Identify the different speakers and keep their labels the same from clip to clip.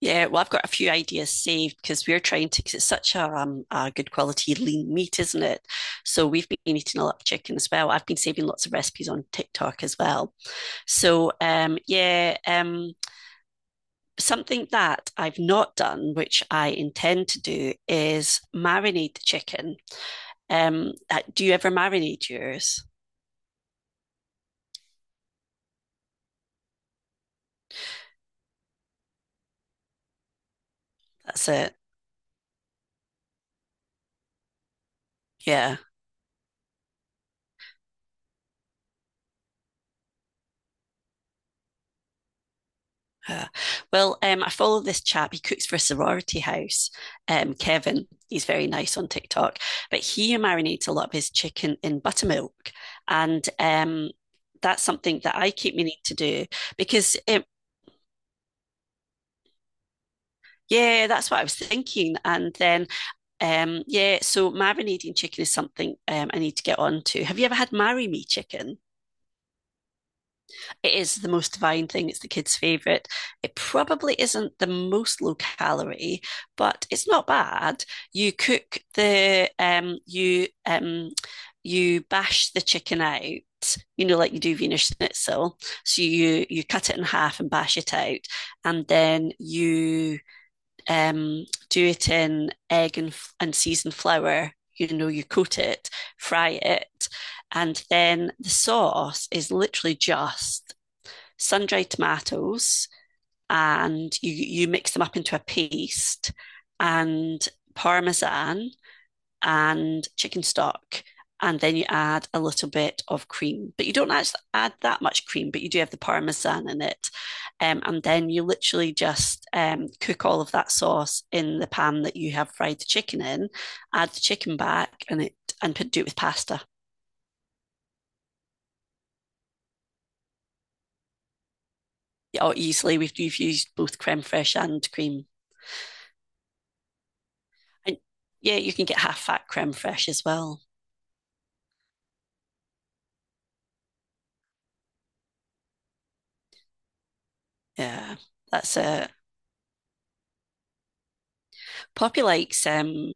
Speaker 1: Yeah, well, I've got a few ideas saved because we're trying to, because it's such a good quality lean meat, isn't it? So we've been eating a lot of chicken as well. I've been saving lots of recipes on TikTok as well. So, yeah, something that I've not done, which I intend to do, is marinate the chicken. Do you ever marinate yours? That's it. Yeah. Uh, well, I follow this chap. He cooks for a sorority house. Kevin, he's very nice on TikTok, but he marinates a lot of his chicken in buttermilk, and that's something that I keep meaning to do because, it, yeah, that's what I was thinking. And then, yeah, so marinating chicken is something I need to get on to. Have you ever had marry me chicken? It is the most divine thing. It's the kids' favorite. It probably isn't the most low calorie, but it's not bad. You cook the um you um you bash the chicken out, like you do Wiener Schnitzel. So you cut it in half and bash it out, and then you do it in egg and seasoned flour. You coat it, fry it, and then the sauce is literally just sun-dried tomatoes and you mix them up into a paste and parmesan and chicken stock, and then you add a little bit of cream, but you don't actually add that much cream, but you do have the parmesan in it. And then you literally just cook all of that sauce in the pan that you have fried the chicken in, add the chicken back, and do it with pasta. Or easily, we've used both creme fraiche and cream. And yeah, you can get half fat creme fraiche as well. Yeah, that's it. Poppy likes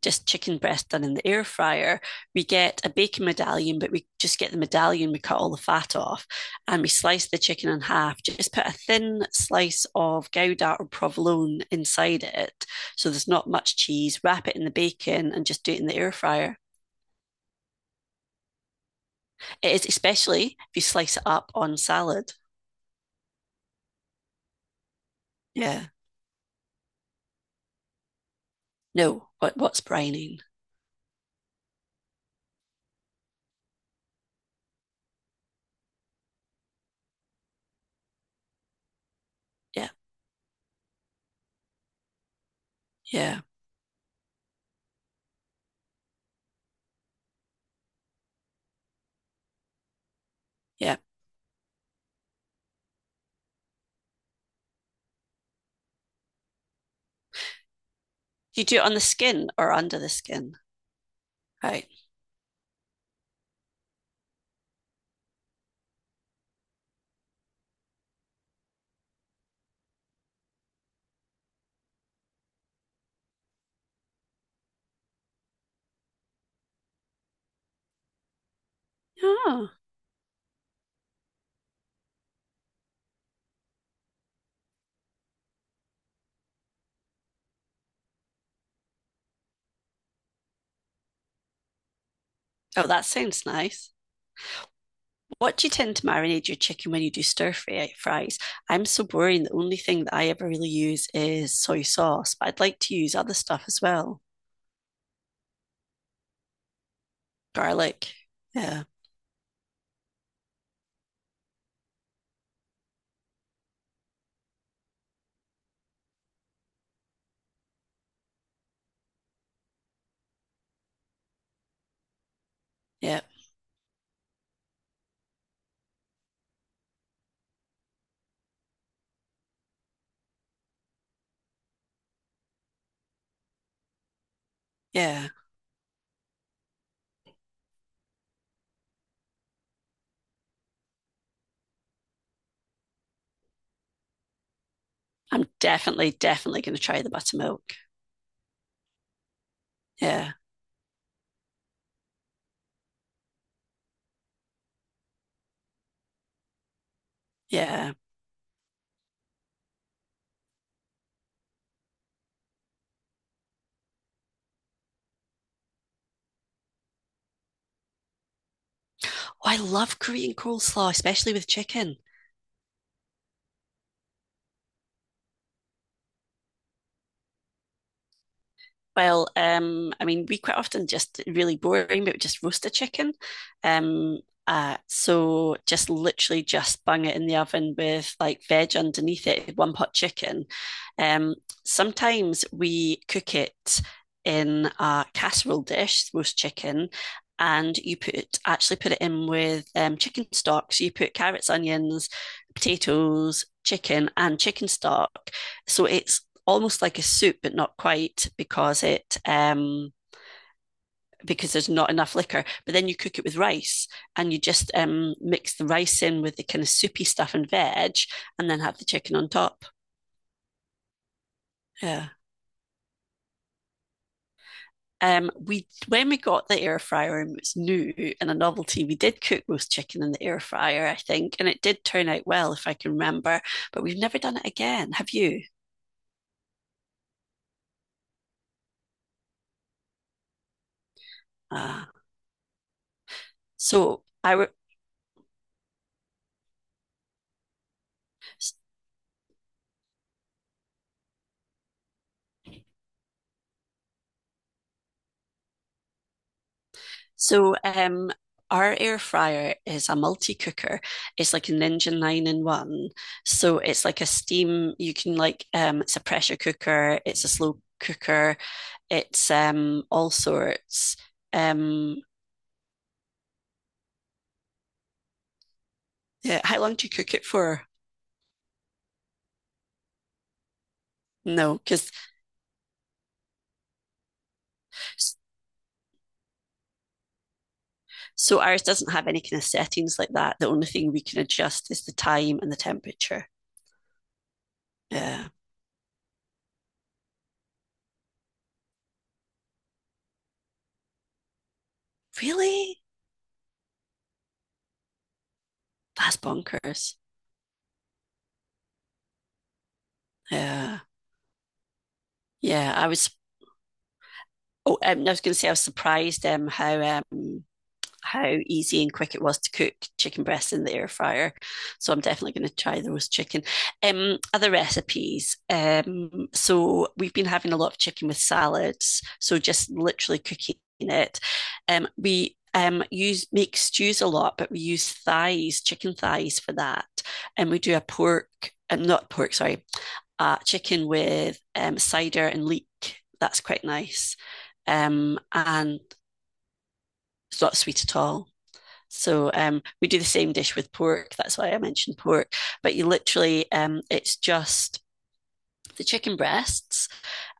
Speaker 1: just chicken breast done in the air fryer. We get a bacon medallion, but we just get the medallion, we cut all the fat off, and we slice the chicken in half. Just put a thin slice of Gouda or provolone inside it, so there's not much cheese. Wrap it in the bacon and just do it in the air fryer. It is, especially if you slice it up on salad. Yeah. No, what's brining? Yeah, yeah, yeah. Do you do it on the skin or under the skin? Right. Oh, oh, that sounds nice. What do you tend to marinate your chicken when you do stir fry fries? I'm so boring. The only thing that I ever really use is soy sauce, but I'd like to use other stuff as well. Garlic. Yeah, yeah, yeah. I'm definitely, definitely going to try the buttermilk. Yeah, yeah. Oh, I love Korean coleslaw, especially with chicken. Well, I mean, we quite often just really boring, but we just roast a chicken. Um, so just literally just bung it in the oven with like veg underneath it, one pot chicken. Um, Sometimes we cook it in a casserole dish, roast chicken, and you put actually put it in with chicken stock. So you put carrots, onions, potatoes, chicken, and chicken stock. So it's almost like a soup, but not quite, because there's not enough liquor. But then you cook it with rice, and you just mix the rice in with the kind of soupy stuff and veg, and then have the chicken on top. Yeah. We When we got the air fryer and it was new and a novelty, we did cook roast chicken in the air fryer, I think, and it did turn out well if I can remember. But we've never done it again. Have you? Uh, so I So, um, our air fryer is a multi cooker. It's like a Ninja 9 in 1. So, it's like a steam, it's a pressure cooker, it's a slow cooker, it's all sorts. Um, yeah, how long do you cook it for? No, because so ours doesn't have any kind of settings like that. The only thing we can adjust is the time and the temperature. Yeah. Really? That's bonkers. Yeah. Yeah, I was going to say I was surprised how easy and quick it was to cook chicken breasts in the air fryer. So I'm definitely going to try the roast chicken. Other recipes. So we've been having a lot of chicken with salads. So just literally cooking it. We use make stews a lot, but we use chicken thighs for that, and we do a pork and not pork, sorry, chicken with cider and leek. That's quite nice. And it's not sweet at all. So we do the same dish with pork. That's why I mentioned pork. But it's just the chicken breasts,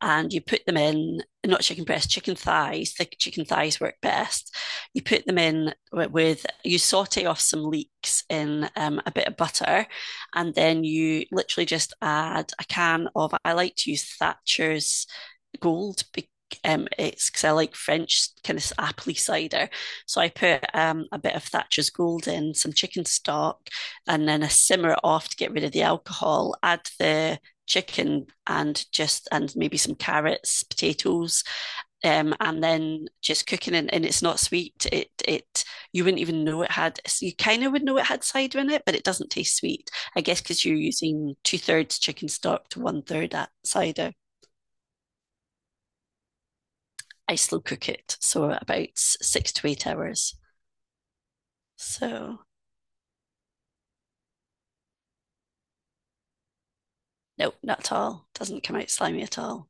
Speaker 1: and you put them in, not chicken breasts, chicken thighs. The chicken thighs work best. You put them in with, you saute off some leeks in a bit of butter. And then you literally just add a can of, I like to use Thatcher's gold. It's because I like French kind of apple cider. So I put a bit of Thatcher's Gold in, some chicken stock, and then I simmer it off to get rid of the alcohol. Add the chicken, and just and maybe some carrots, potatoes, and then just cooking it. And it's not sweet. It, you wouldn't even know it had, you kind of would know it had cider in it, but it doesn't taste sweet. I guess because you're using two thirds chicken stock to one third cider. I slow cook it, so about 6 to 8 hours. So no, not at all. Doesn't come out slimy at all.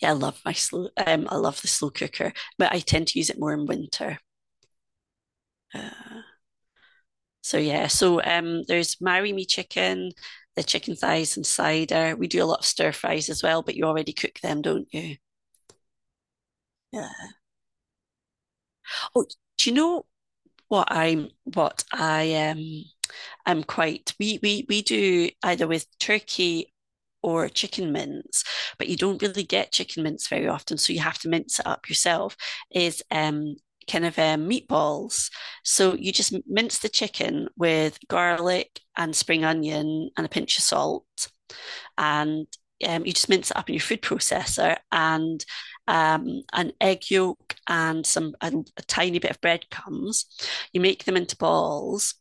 Speaker 1: Yeah, I love my slow. I love the slow cooker, but I tend to use it more in winter. Uh, so yeah, so there's marry me chicken, the chicken thighs and cider. We do a lot of stir fries as well, but you already cook them, don't you? Yeah. Oh, do you know what I'm? What I I'm quite we do either with turkey or chicken mince, but you don't really get chicken mince very often, so you have to mince it up yourself. Is kind of meatballs. So you just mince the chicken with garlic and spring onion and a pinch of salt, and you just mince it up in your food processor, and an egg yolk and a tiny bit of breadcrumbs. You make them into balls.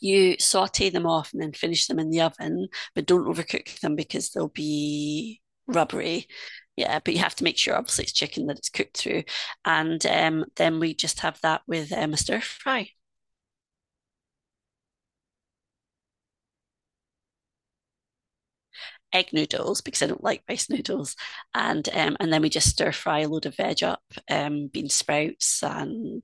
Speaker 1: You saute them off and then finish them in the oven, but don't overcook them because they'll be rubbery. Yeah, but you have to make sure, obviously, it's chicken, that it's cooked through. And then we just have that with a stir fry, egg noodles, because I don't like rice noodles. And then we just stir fry a load of veg up, bean sprouts and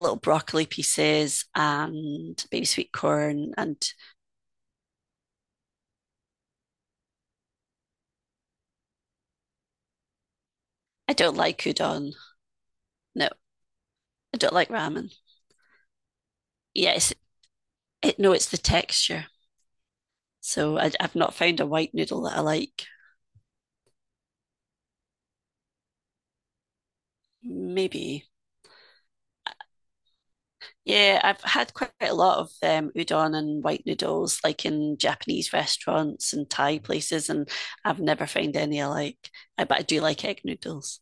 Speaker 1: little broccoli pieces and baby sweet corn. And I don't like udon. No, I don't like ramen. Yeah, no, it's the texture. So I've not found a white noodle that I like. Maybe. Yeah, I've had quite a lot of udon and white noodles, like in Japanese restaurants and Thai places, and I've never found any I like. But I do like egg noodles.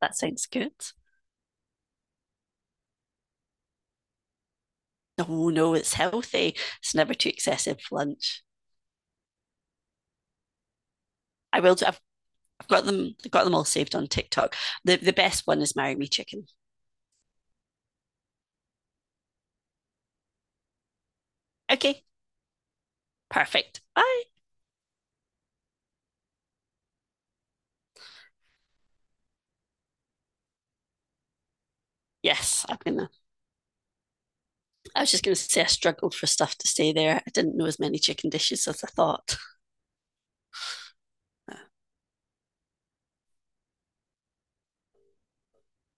Speaker 1: That sounds good. No, no, it's healthy. It's never too excessive for lunch. I will. I've got them. I've got them all saved on TikTok. The best one is marry me chicken. Okay, perfect. Bye. Yes, I'm gonna. I was just going to say I struggled for stuff to stay there. I didn't know as many chicken dishes as I thought.